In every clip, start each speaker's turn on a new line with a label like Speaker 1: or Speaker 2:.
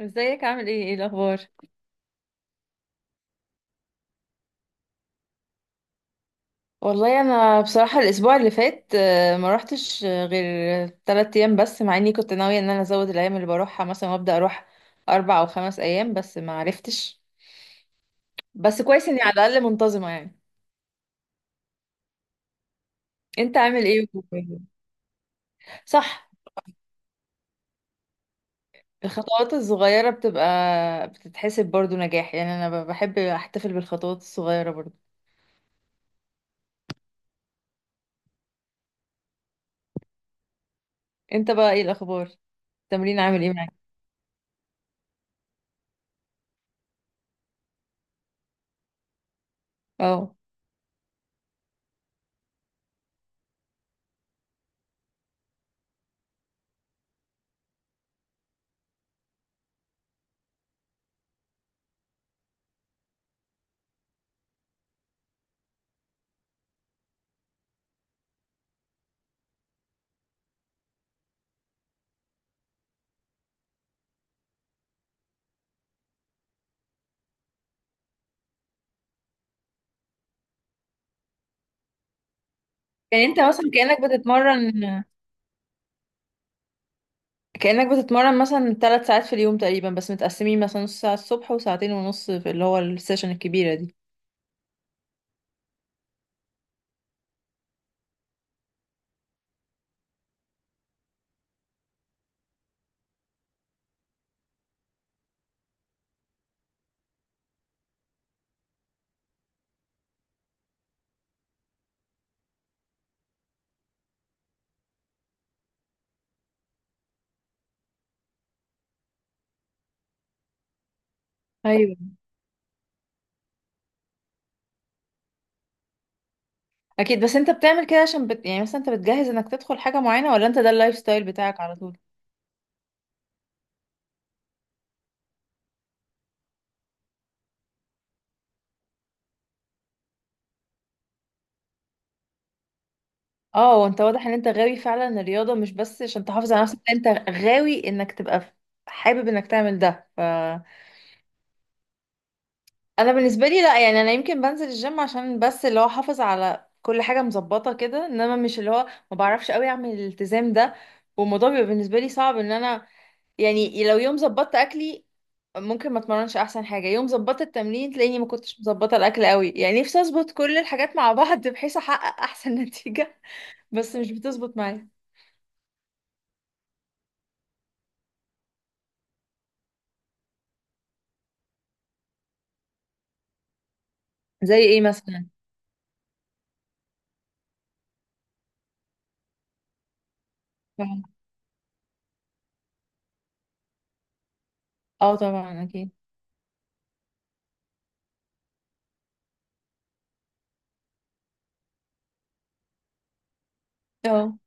Speaker 1: ازيك، عامل ايه؟ ايه الاخبار؟ والله انا بصراحه الاسبوع اللي فات ما روحتش غير 3 ايام بس، مع اني كنت ناويه ان انا ازود الايام اللي بروحها مثلا، وابدا اروح 4 او 5 ايام، بس ما عرفتش. بس كويس اني على الاقل منتظمه يعني. انت عامل ايه؟ صح. الخطوات الصغيره بتبقى بتتحسب برضو نجاح، يعني انا بحب احتفل بالخطوات الصغيره برضو. انت بقى ايه الاخبار؟ التمرين عامل ايه معاك؟ اه، يعني انت مثلا كانك بتتمرن كأنك بتتمرن مثلا 3 ساعات في اليوم تقريبا، بس متقسمين، مثلا نص ساعة الصبح وساعتين ونص في اللي هو السيشن الكبيرة دي. ايوه. أكيد، بس أنت بتعمل كده عشان يعني مثلا أنت بتجهز إنك تدخل حاجة معينة، ولا أنت ده اللايف ستايل بتاعك على طول؟ اه، وانت واضح ان انت غاوي فعلا الرياضة، مش بس عشان تحافظ على نفسك، انت غاوي انك تبقى حابب انك تعمل ده. انا بالنسبة لي لا، يعني انا يمكن بنزل الجيم عشان بس اللي هو احافظ على كل حاجة مظبطة كده، انما مش اللي هو ما بعرفش قوي اعمل الالتزام ده. والموضوع بيبقى بالنسبة لي صعب ان انا، يعني لو يوم ظبطت اكلي ممكن ما اتمرنش. احسن حاجه يوم ظبطت التمرين تلاقيني ما كنتش مظبطه الاكل قوي. يعني نفسي اظبط كل الحاجات مع بعض بحيث احقق احسن نتيجه، بس مش بتظبط معايا. زي ايه مثلا؟ فاهمة. اه طبعا اكيد. اه،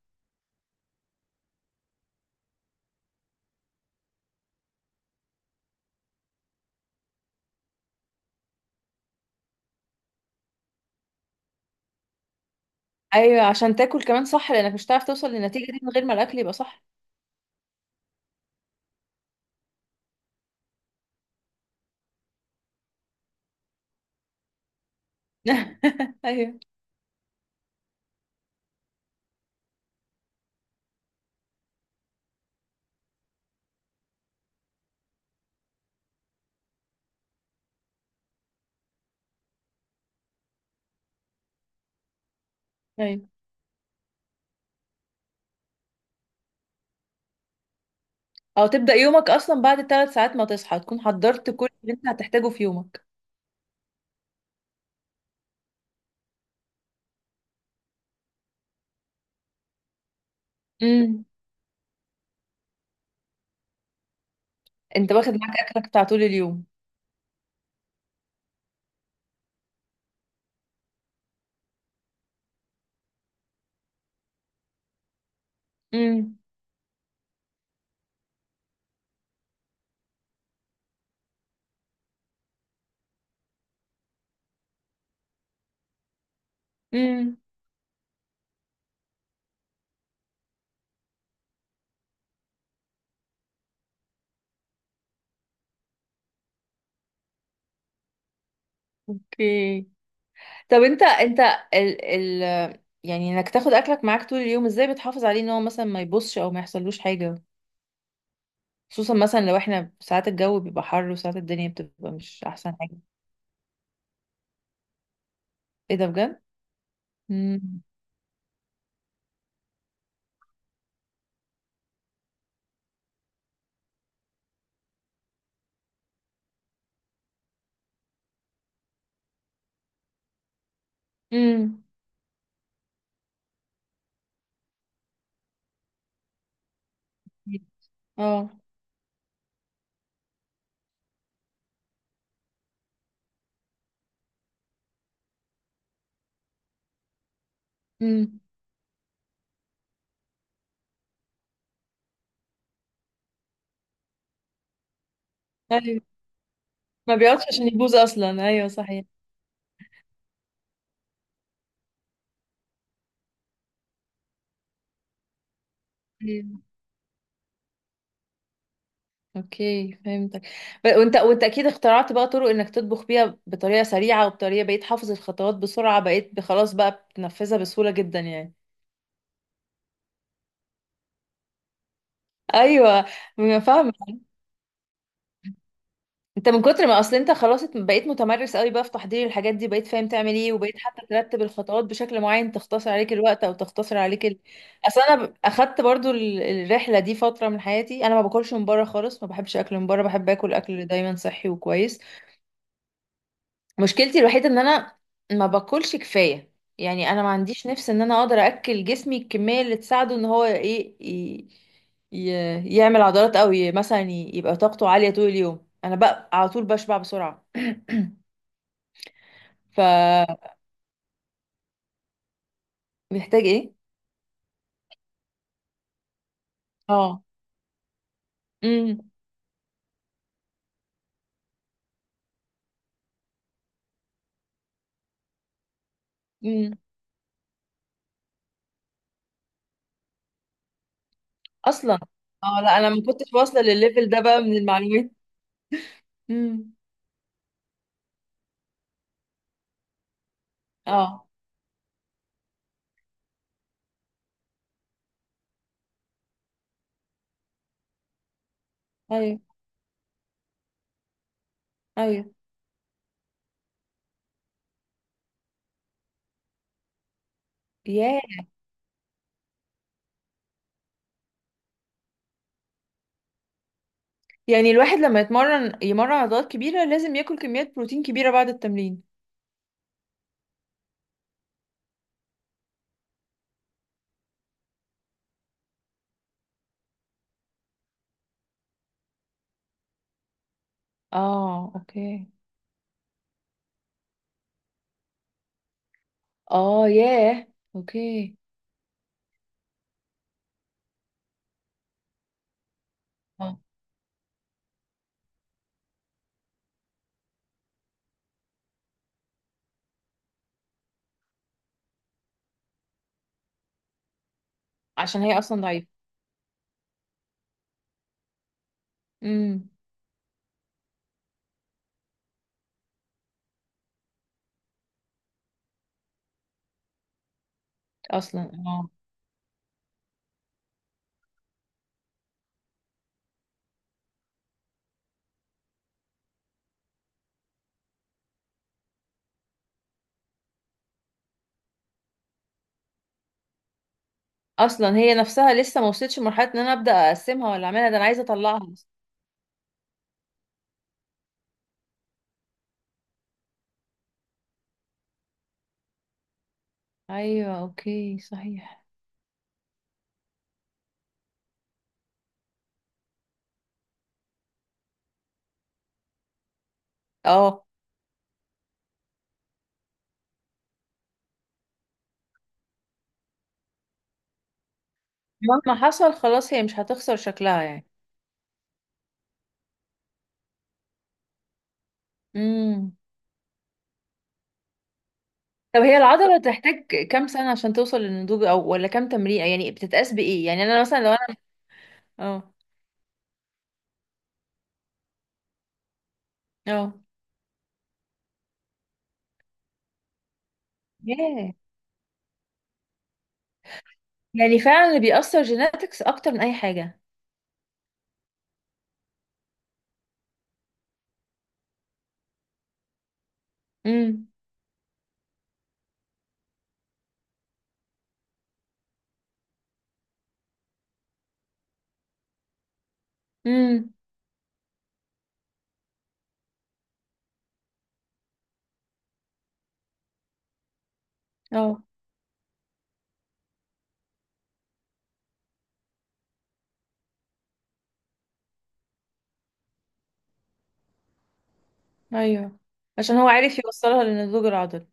Speaker 1: ايوه، عشان تاكل كمان، صح، لانك مش هتعرف توصل للنتيجه دي من غير ما الاكل يبقى صح. ايوه. ايوه، او تبدا يومك اصلا بعد 3 ساعات ما تصحى تكون حضرت كل اللي انت هتحتاجه في يومك. امم. انت واخد معاك اكلك بتاع طول اليوم. امم. اوكي. طب، انت، ال ال يعني انك تاخد اكلك معاك طول اليوم، ازاي بتحافظ عليه ان هو مثلا ما يبصش او ما يحصلوش حاجة، خصوصا مثلا لو احنا ساعات الجو بيبقى حر وساعات الدنيا بتبقى مش احسن حاجة. ايه ده بجد؟ امم. امم. اه. امم. ايوه. ما بيقعدش عشان يبوظ، اصلا ايوه صحيح. ايوه اوكي فهمتك. وانت اكيد اخترعت بقى طرق انك تطبخ بيها بطريقة سريعة، وبطريقة بقيت حافظ الخطوات بسرعة، بقيت خلاص بقى بتنفذها بسهولة جدا يعني. ايوه، ما فاهمه. انت من كتر ما اصل انت خلاص بقيت متمرس قوي بقى في تحضير الحاجات دي، بقيت فاهم تعمل ايه، وبقيت حتى ترتب الخطوات بشكل معين تختصر عليك الوقت، او تختصر عليك ال... اصل انا اخدت برضو الرحله دي فتره من حياتي، انا ما باكلش من بره خالص، ما بحبش اكل من بره، بحب اكل اكل دايما صحي وكويس. مشكلتي الوحيدة ان انا ما باكلش كفاية. يعني انا ما عنديش نفس ان انا اقدر اكل جسمي الكمية اللي تساعده ان هو ايه ي... يعمل عضلات، او مثلا يبقى طاقته عالية طول اليوم. انا بقى على طول بشبع بسرعة. فمحتاج، ايه. اه. امم. امم. اصلا اه. لا انا ما كنتش واصلة للليفل ده بقى من المعلومات. امم. اه. ايوه. ايوه. ياه. يعني الواحد لما يتمرن يمرن عضلات كبيرة لازم ياكل كميات بروتين كبيرة بعد التمرين. اه اوكي. اه ياه. اوكي. اه. عشان هي اصلا ضعيفة. امم. اصلا اه. اصلا هي نفسها لسه ما وصلتش لمرحلة ان انا ابدا اقسمها ولا اعملها، ده انا عايزة اطلعها أصلاً. ايوه اوكي صحيح. اه. مهما حصل خلاص هي مش هتخسر شكلها يعني. امم. طب هي العضلة تحتاج كام سنة عشان توصل للنضوج، او ولا كام تمرين؟ يعني بتتقاس بايه؟ يعني انا مثلا لو انا. اه. اه. ياه. يعني فعلا اللي بيأثر جيناتكس اكتر من اي حاجة. امم. امم. اه. ايوه، عشان هو عارف يوصلها للنضوج العضلي.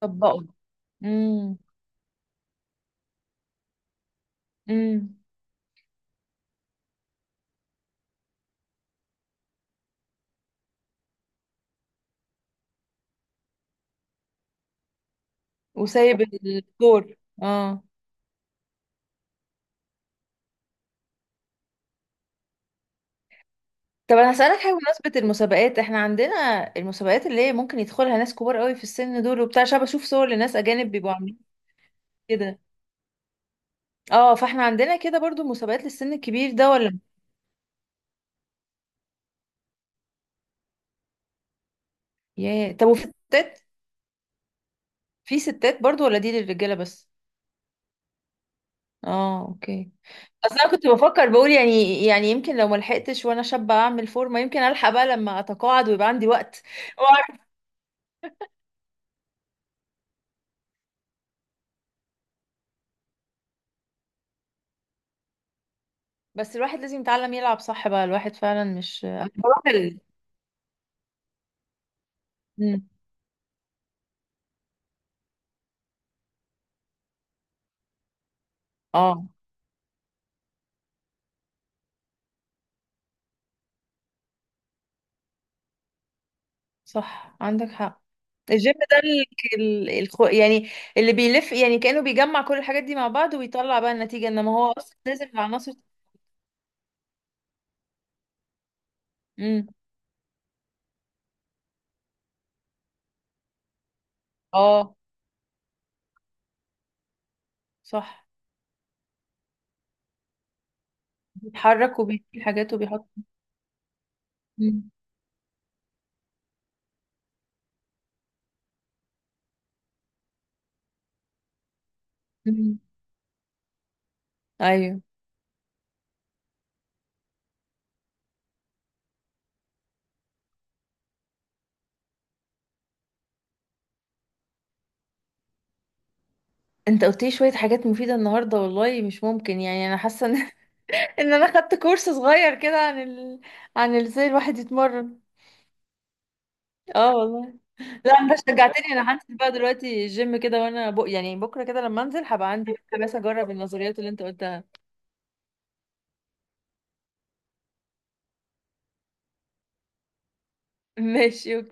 Speaker 1: طبقه. امم. امم. وسايب الدور. اه. طب انا هسألك حاجة بمناسبة المسابقات. احنا عندنا المسابقات اللي هي ممكن يدخلها ناس كبار قوي في السن دول وبتاع، عشان بشوف صور لناس اجانب بيبقوا عاملين كده. اه، فاحنا عندنا كده برضو مسابقات للسن الكبير ده ولا؟ ياه طب وفي ستات؟ في ستات برضو ولا دي للرجالة بس؟ اه اوكي. اصل انا كنت بفكر بقول، يعني، يعني يمكن لو ما لحقتش وانا شابه اعمل فورمه، يمكن الحق بقى لما اتقاعد ويبقى عندي وقت، واعرف. بس الواحد لازم يتعلم يلعب صح بقى، الواحد فعلا مش بروح ال... مم. اه صح عندك حق. الجيم ده يعني اللي بيلف يعني كأنه بيجمع كل الحاجات دي مع بعض ويطلع بقى النتيجة، انما هو اصلا لازم العناصر. امم. اه صح، بيتحرك وبيشيل حاجات وبيحط. مم. مم. ايوه. انت قلت لي شويه حاجات مفيده النهارده، والله مش ممكن، يعني انا حاسه ان ان انا خدت كورس صغير كده عن ال... عن ازاي الواحد يتمرن. اه والله. لا انت شجعتني، انا هنزل بقى دلوقتي الجيم كده، وانا يعني بكره كده لما انزل هبقى عندي، بس اجرب النظريات اللي انت قلتها. ماشي اوكي.